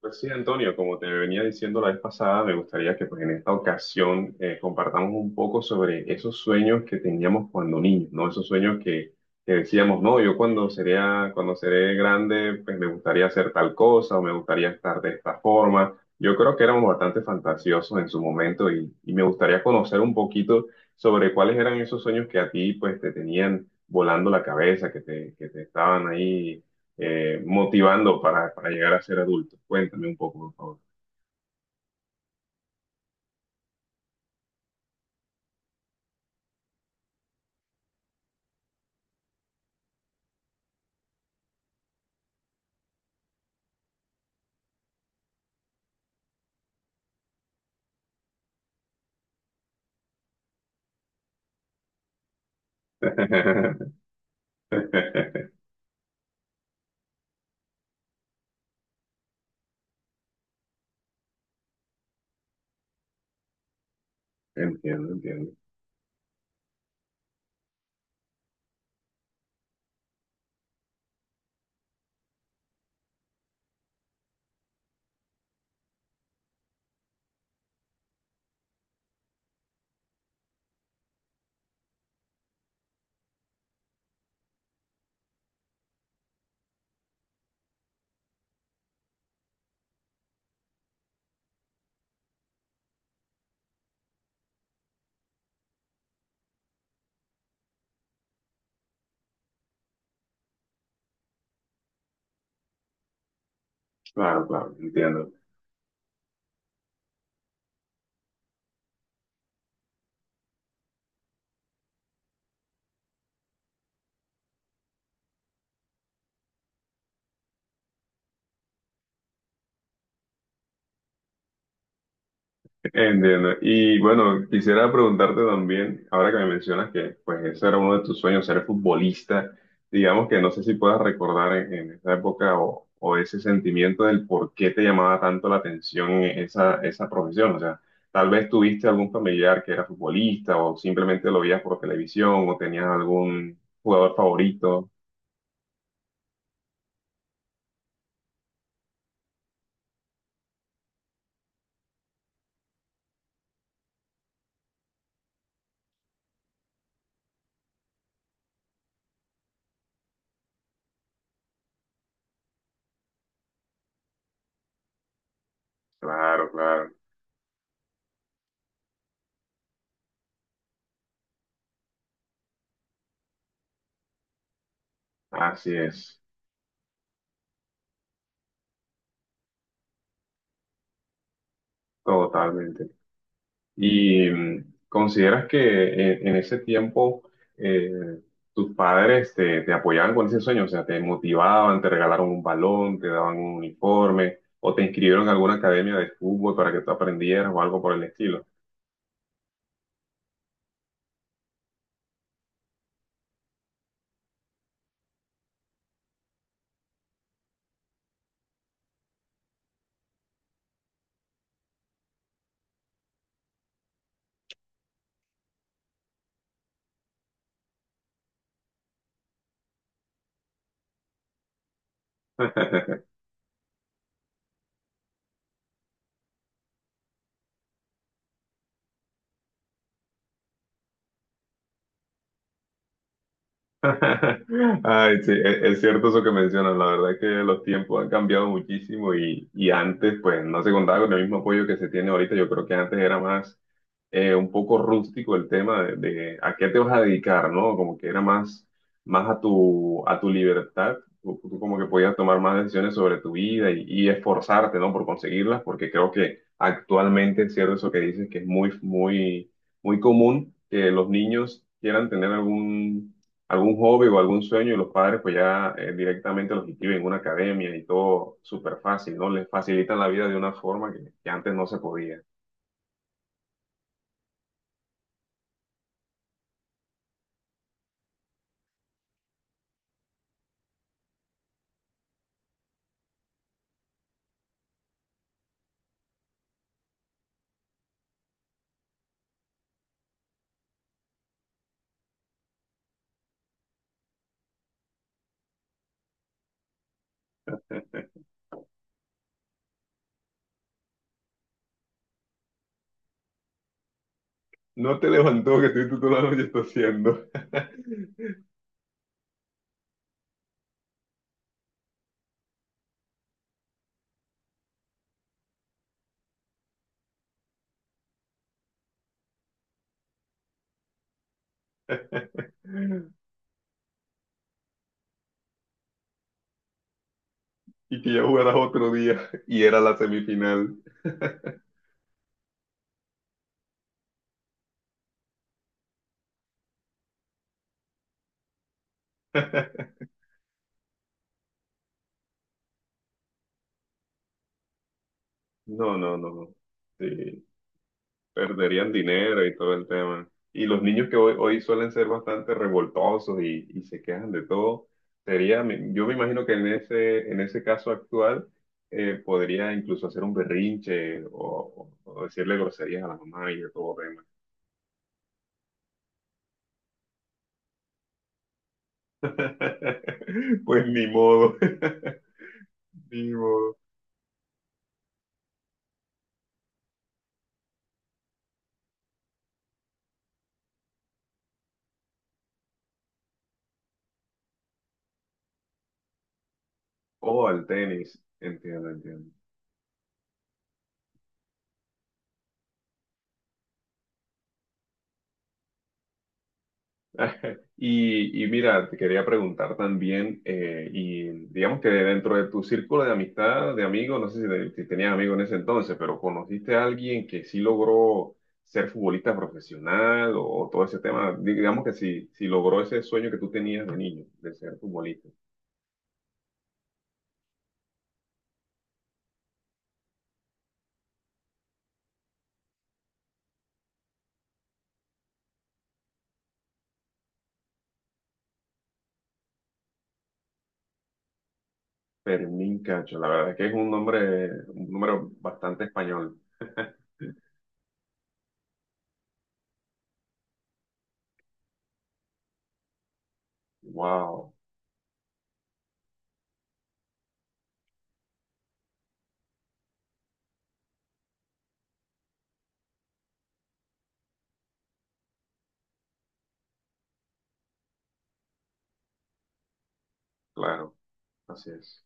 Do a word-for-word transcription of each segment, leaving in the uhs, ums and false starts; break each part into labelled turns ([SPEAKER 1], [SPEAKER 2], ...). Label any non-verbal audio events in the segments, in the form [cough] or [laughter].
[SPEAKER 1] Pues sí, Antonio, como te venía diciendo la vez pasada, me gustaría que pues, en esta ocasión eh, compartamos un poco sobre esos sueños que teníamos cuando niños, ¿no? Esos sueños que, que decíamos, no, yo cuando sería, cuando seré grande, pues me gustaría hacer tal cosa o me gustaría estar de esta forma. Yo creo que éramos bastante fantasiosos en su momento y, y me gustaría conocer un poquito sobre cuáles eran esos sueños que a ti pues te tenían volando la cabeza, que te, que te estaban ahí eh, motivando para, para llegar a ser adulto. Cuéntame un poco, por favor. [laughs] Entiendo, entiendo. Claro, claro, entiendo. Entiendo. Y bueno, quisiera preguntarte también, ahora que me mencionas que pues ese era uno de tus sueños, ser futbolista, digamos que no sé si puedas recordar en, en esa época o, o ese sentimiento del por qué te llamaba tanto la atención esa, esa profesión. O sea, tal vez tuviste algún familiar que era futbolista o simplemente lo veías por televisión o tenías algún jugador favorito. Claro, claro, así es, totalmente. ¿Y mm, consideras que en, en ese tiempo eh, tus padres te, te apoyaban con ese sueño? O sea, te motivaban, te regalaron un balón, te daban un uniforme o te inscribieron en alguna academia de fútbol para que tú aprendieras o algo por el estilo. [laughs] Ay, sí, e- es cierto eso que mencionas. La verdad es que los tiempos han cambiado muchísimo y, y antes, pues, no se contaba con el mismo apoyo que se tiene ahorita. Yo creo que antes era más eh, un poco rústico el tema de, de a qué te vas a dedicar, ¿no? Como que era más, más a tu, a tu libertad. Tú, tú como que podías tomar más decisiones sobre tu vida y, y esforzarte, ¿no? Por conseguirlas, porque creo que actualmente es cierto eso que dices, que es muy, muy, muy común que los niños quieran tener algún algún hobby o algún sueño y los padres pues ya eh, directamente los inscriben en una academia y todo súper fácil, ¿no? Les facilitan la vida de una forma que, que antes no se podía. No te levantó que estoy toda la noche está haciendo. [laughs] Y que ya jugarás otro día y era la semifinal. [laughs] No, no, no. Sí, perderían dinero y todo el tema. Y los niños que hoy, hoy suelen ser bastante revoltosos y, y se quejan de todo, sería, mi- yo me imagino que en ese, en ese caso actual eh, podría incluso hacer un berrinche o, o- decirle groserías a la mamá y de todo tema. [laughs] Pues ni modo, [laughs] ni modo. O al tenis, entiendo, entiendo. Y, y mira, te quería preguntar también, eh, y digamos que dentro de tu círculo de amistad, de amigos, no sé si, te- si tenías amigos en ese entonces, pero ¿conociste a alguien que sí logró ser futbolista profesional o, o todo ese tema? Digamos que sí, sí logró ese sueño que tú tenías de niño, de ser futbolista. Fermín Cacho, la verdad es que es un nombre, un nombre bastante español. Wow, claro, así es.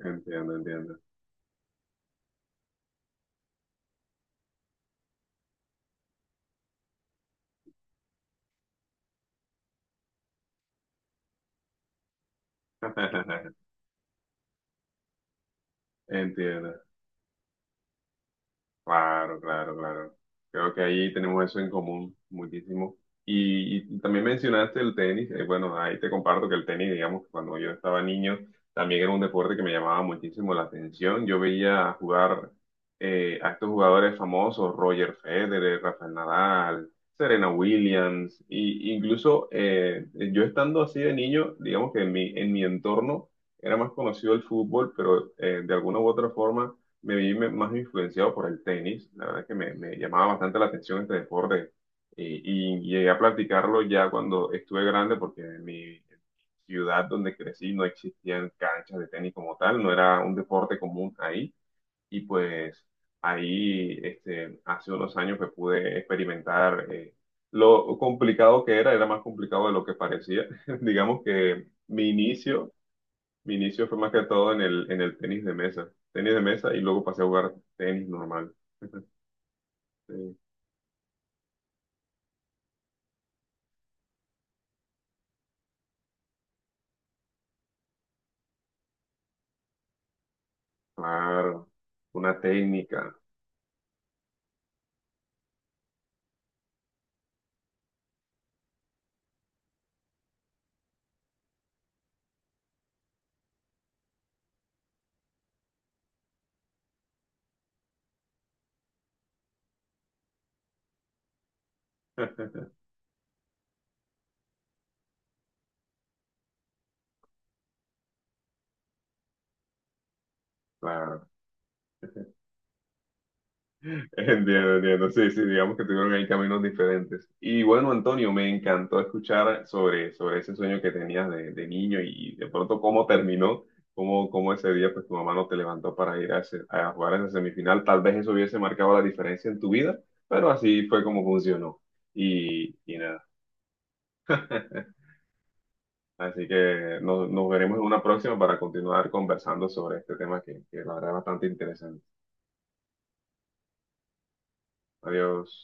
[SPEAKER 1] Entiendo, entiendo. [laughs] Entiendo. Claro, claro, claro. Creo que ahí tenemos eso en común muchísimo. Y, y también mencionaste el tenis. Eh, bueno, ahí te comparto que el tenis, digamos, que cuando yo estaba niño, también era un deporte que me llamaba muchísimo la atención. Yo veía jugar eh, a estos jugadores famosos, Roger Federer, Rafael Nadal, Serena Williams, y incluso eh, yo estando así de niño, digamos que en mi, en mi entorno era más conocido el fútbol, pero eh, de alguna u otra forma me vi me- más influenciado por el tenis. La verdad es que me, me llamaba bastante la atención este deporte y, y llegué a practicarlo ya cuando estuve grande porque en mi ciudad donde crecí no existían canchas de tenis como tal, no era un deporte común ahí y pues ahí este, hace unos años que pude experimentar eh, lo complicado que era, era más complicado de lo que parecía. [laughs] Digamos que mi inicio mi inicio fue más que todo en el, en el tenis de mesa. Tenis de mesa y luego pasé a jugar tenis normal. [laughs] Sí, claro. Una técnica. Claro. [laughs] Entiendo, entiendo. Sí, sí, digamos que tuvieron ahí caminos diferentes. Y bueno, Antonio, me encantó escuchar sobre, sobre ese sueño que tenías de, de niño y de pronto cómo terminó, cómo, cómo ese día pues tu mamá no te levantó para ir a, ese- a jugar esa semifinal. Tal vez eso hubiese marcado la diferencia en tu vida, pero así fue como funcionó. Y, y nada. [laughs] Así que nos, nos veremos en una próxima para continuar conversando sobre este tema que, que la verdad es bastante interesante. Adiós.